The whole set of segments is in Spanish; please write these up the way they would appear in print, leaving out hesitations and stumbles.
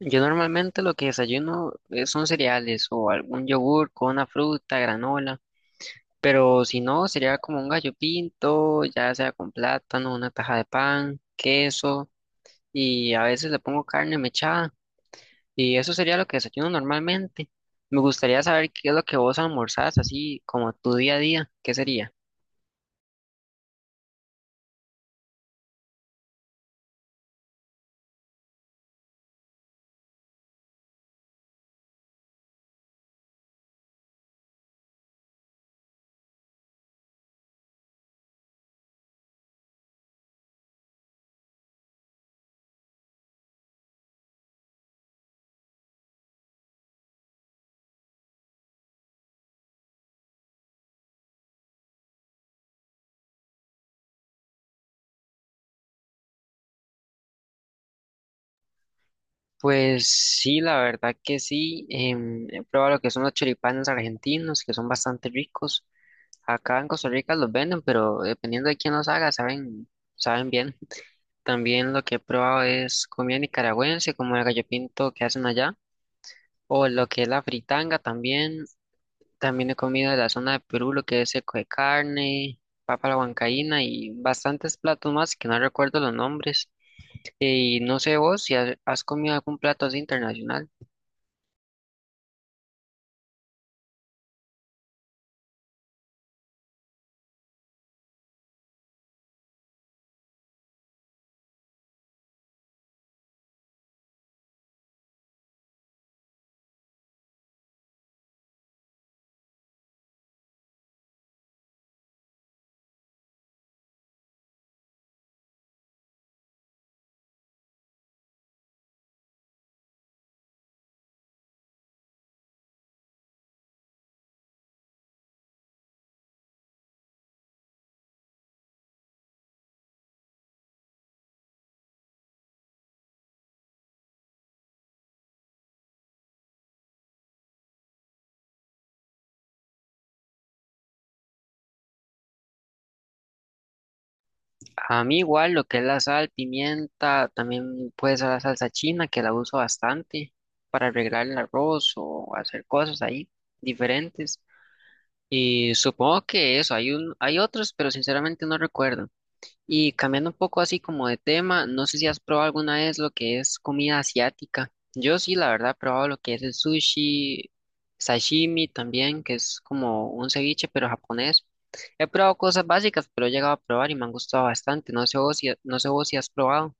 Yo normalmente lo que desayuno son cereales o algún yogur con una fruta, granola, pero si no, sería como un gallo pinto, ya sea con plátano, una taja de pan, queso y a veces le pongo carne mechada y eso sería lo que desayuno normalmente. Me gustaría saber qué es lo que vos almorzás, así como tu día a día, ¿qué sería? Pues sí, la verdad que sí, he probado lo que son los choripanes argentinos, que son bastante ricos. Acá en Costa Rica los venden, pero dependiendo de quién los haga, saben, saben bien. También lo que he probado es comida nicaragüense, como el gallo pinto que hacen allá, o lo que es la fritanga también. También he comido de la zona de Perú, lo que es seco de carne, papa a la huancaína y bastantes platos más que no recuerdo los nombres. Y no sé vos si has comido algún plato así internacional. A mí igual lo que es la sal, pimienta, también puede ser la salsa china que la uso bastante para arreglar el arroz o hacer cosas ahí diferentes. Y supongo que eso, hay un, hay otros, pero sinceramente no recuerdo. Y cambiando un poco así como de tema, no sé si has probado alguna vez lo que es comida asiática. Yo sí, la verdad, he probado lo que es el sushi, sashimi también, que es como un ceviche, pero japonés. He probado cosas básicas, pero he llegado a probar y me han gustado bastante. No sé vos si has probado.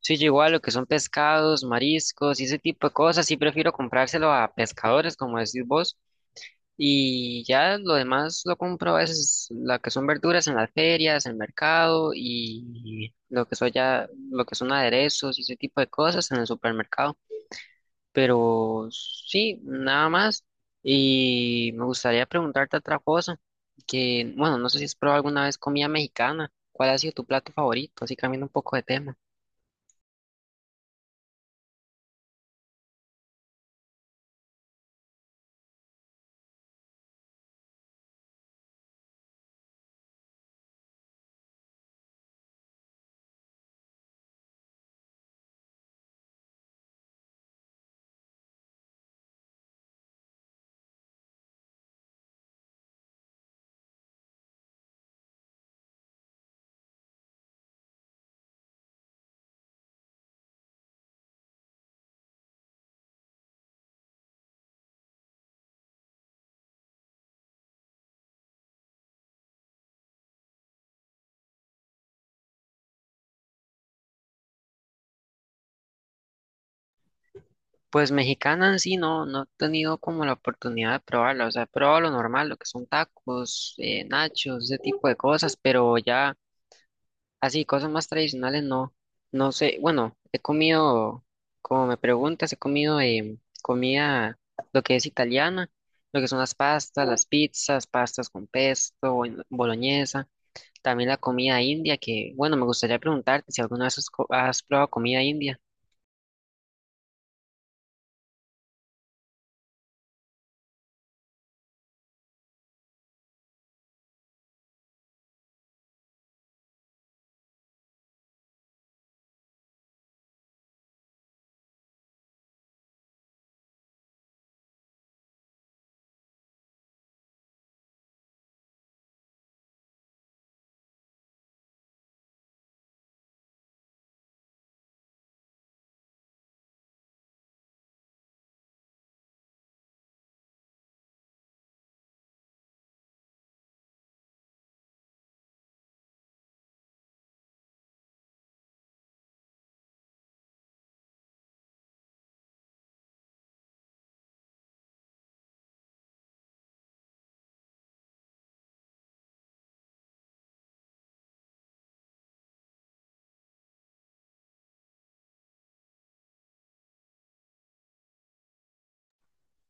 Sí, yo igual lo que son pescados, mariscos y ese tipo de cosas, sí prefiero comprárselo a pescadores, como decís vos. Y ya lo demás lo compro a veces, la que son verduras en las ferias, en el mercado y lo que son ya, lo que son aderezos y ese tipo de cosas en el supermercado. Pero sí, nada más. Y me gustaría preguntarte otra cosa, que bueno, no sé si has probado alguna vez comida mexicana. ¿Cuál ha sido tu plato favorito? Así cambiando un poco de tema. Pues mexicana en sí no, no he tenido como la oportunidad de probarla, o sea, he probado lo normal, lo que son tacos, nachos, ese tipo de cosas, pero ya así, cosas más tradicionales no, no sé, bueno, he comido, como me preguntas, he comido comida, lo que es italiana, lo que son las pastas, las pizzas, pastas con pesto, boloñesa, también la comida india, que bueno, me gustaría preguntarte si alguna vez has probado comida india.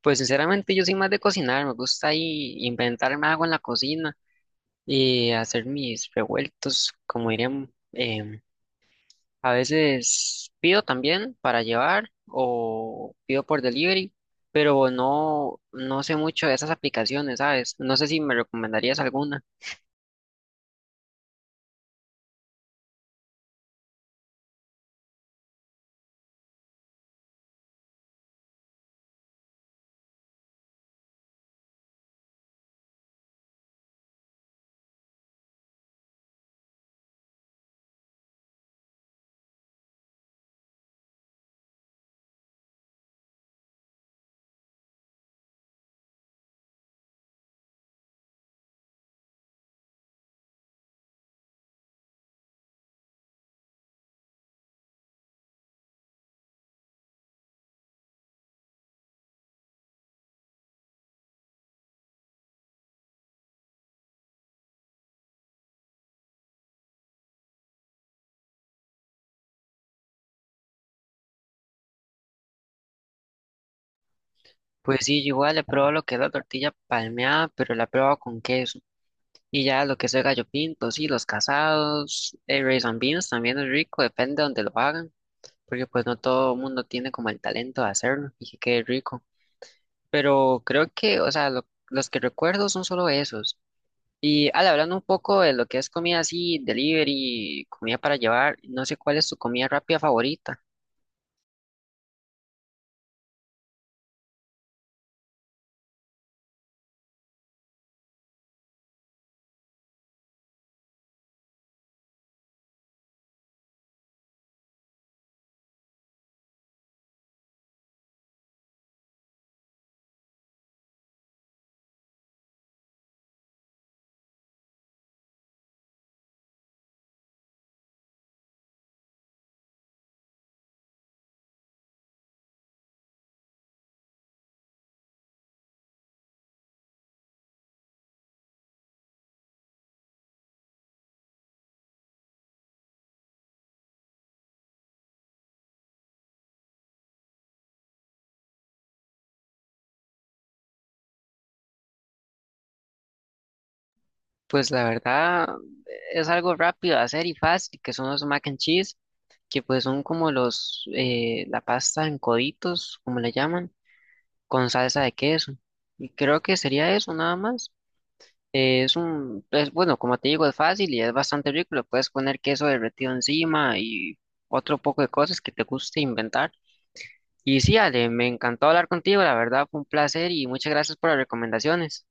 Pues sinceramente yo soy más de cocinar, me gusta ahí inventarme algo en la cocina y hacer mis revueltos, como dirían, a veces pido también para llevar o pido por delivery, pero no, no sé mucho de esas aplicaciones, ¿sabes? No sé si me recomendarías alguna. Pues sí, yo igual he probado lo que es la tortilla palmeada, pero la he probado con queso. Y ya lo que es el gallo pinto, sí, los casados, el rice and beans también es rico, depende de donde lo hagan. Porque pues no todo el mundo tiene como el talento de hacerlo y que quede rico. Pero creo que, o sea, los que recuerdo son solo esos. Y al hablando un poco de lo que es comida así, delivery, comida para llevar, no sé cuál es tu comida rápida favorita. Pues la verdad es algo rápido de hacer y fácil, que son los mac and cheese, que pues son como los, la pasta en coditos, como le llaman, con salsa de queso. Y creo que sería eso nada más. Es un, es bueno, como te digo, es fácil y es bastante rico. Le puedes poner queso derretido encima y otro poco de cosas que te guste inventar. Y sí, Ale, me encantó hablar contigo, la verdad fue un placer y muchas gracias por las recomendaciones.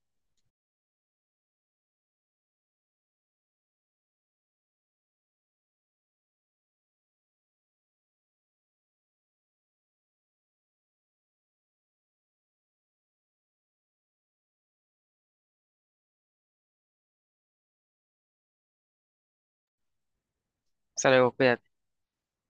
Hasta luego, cuídate.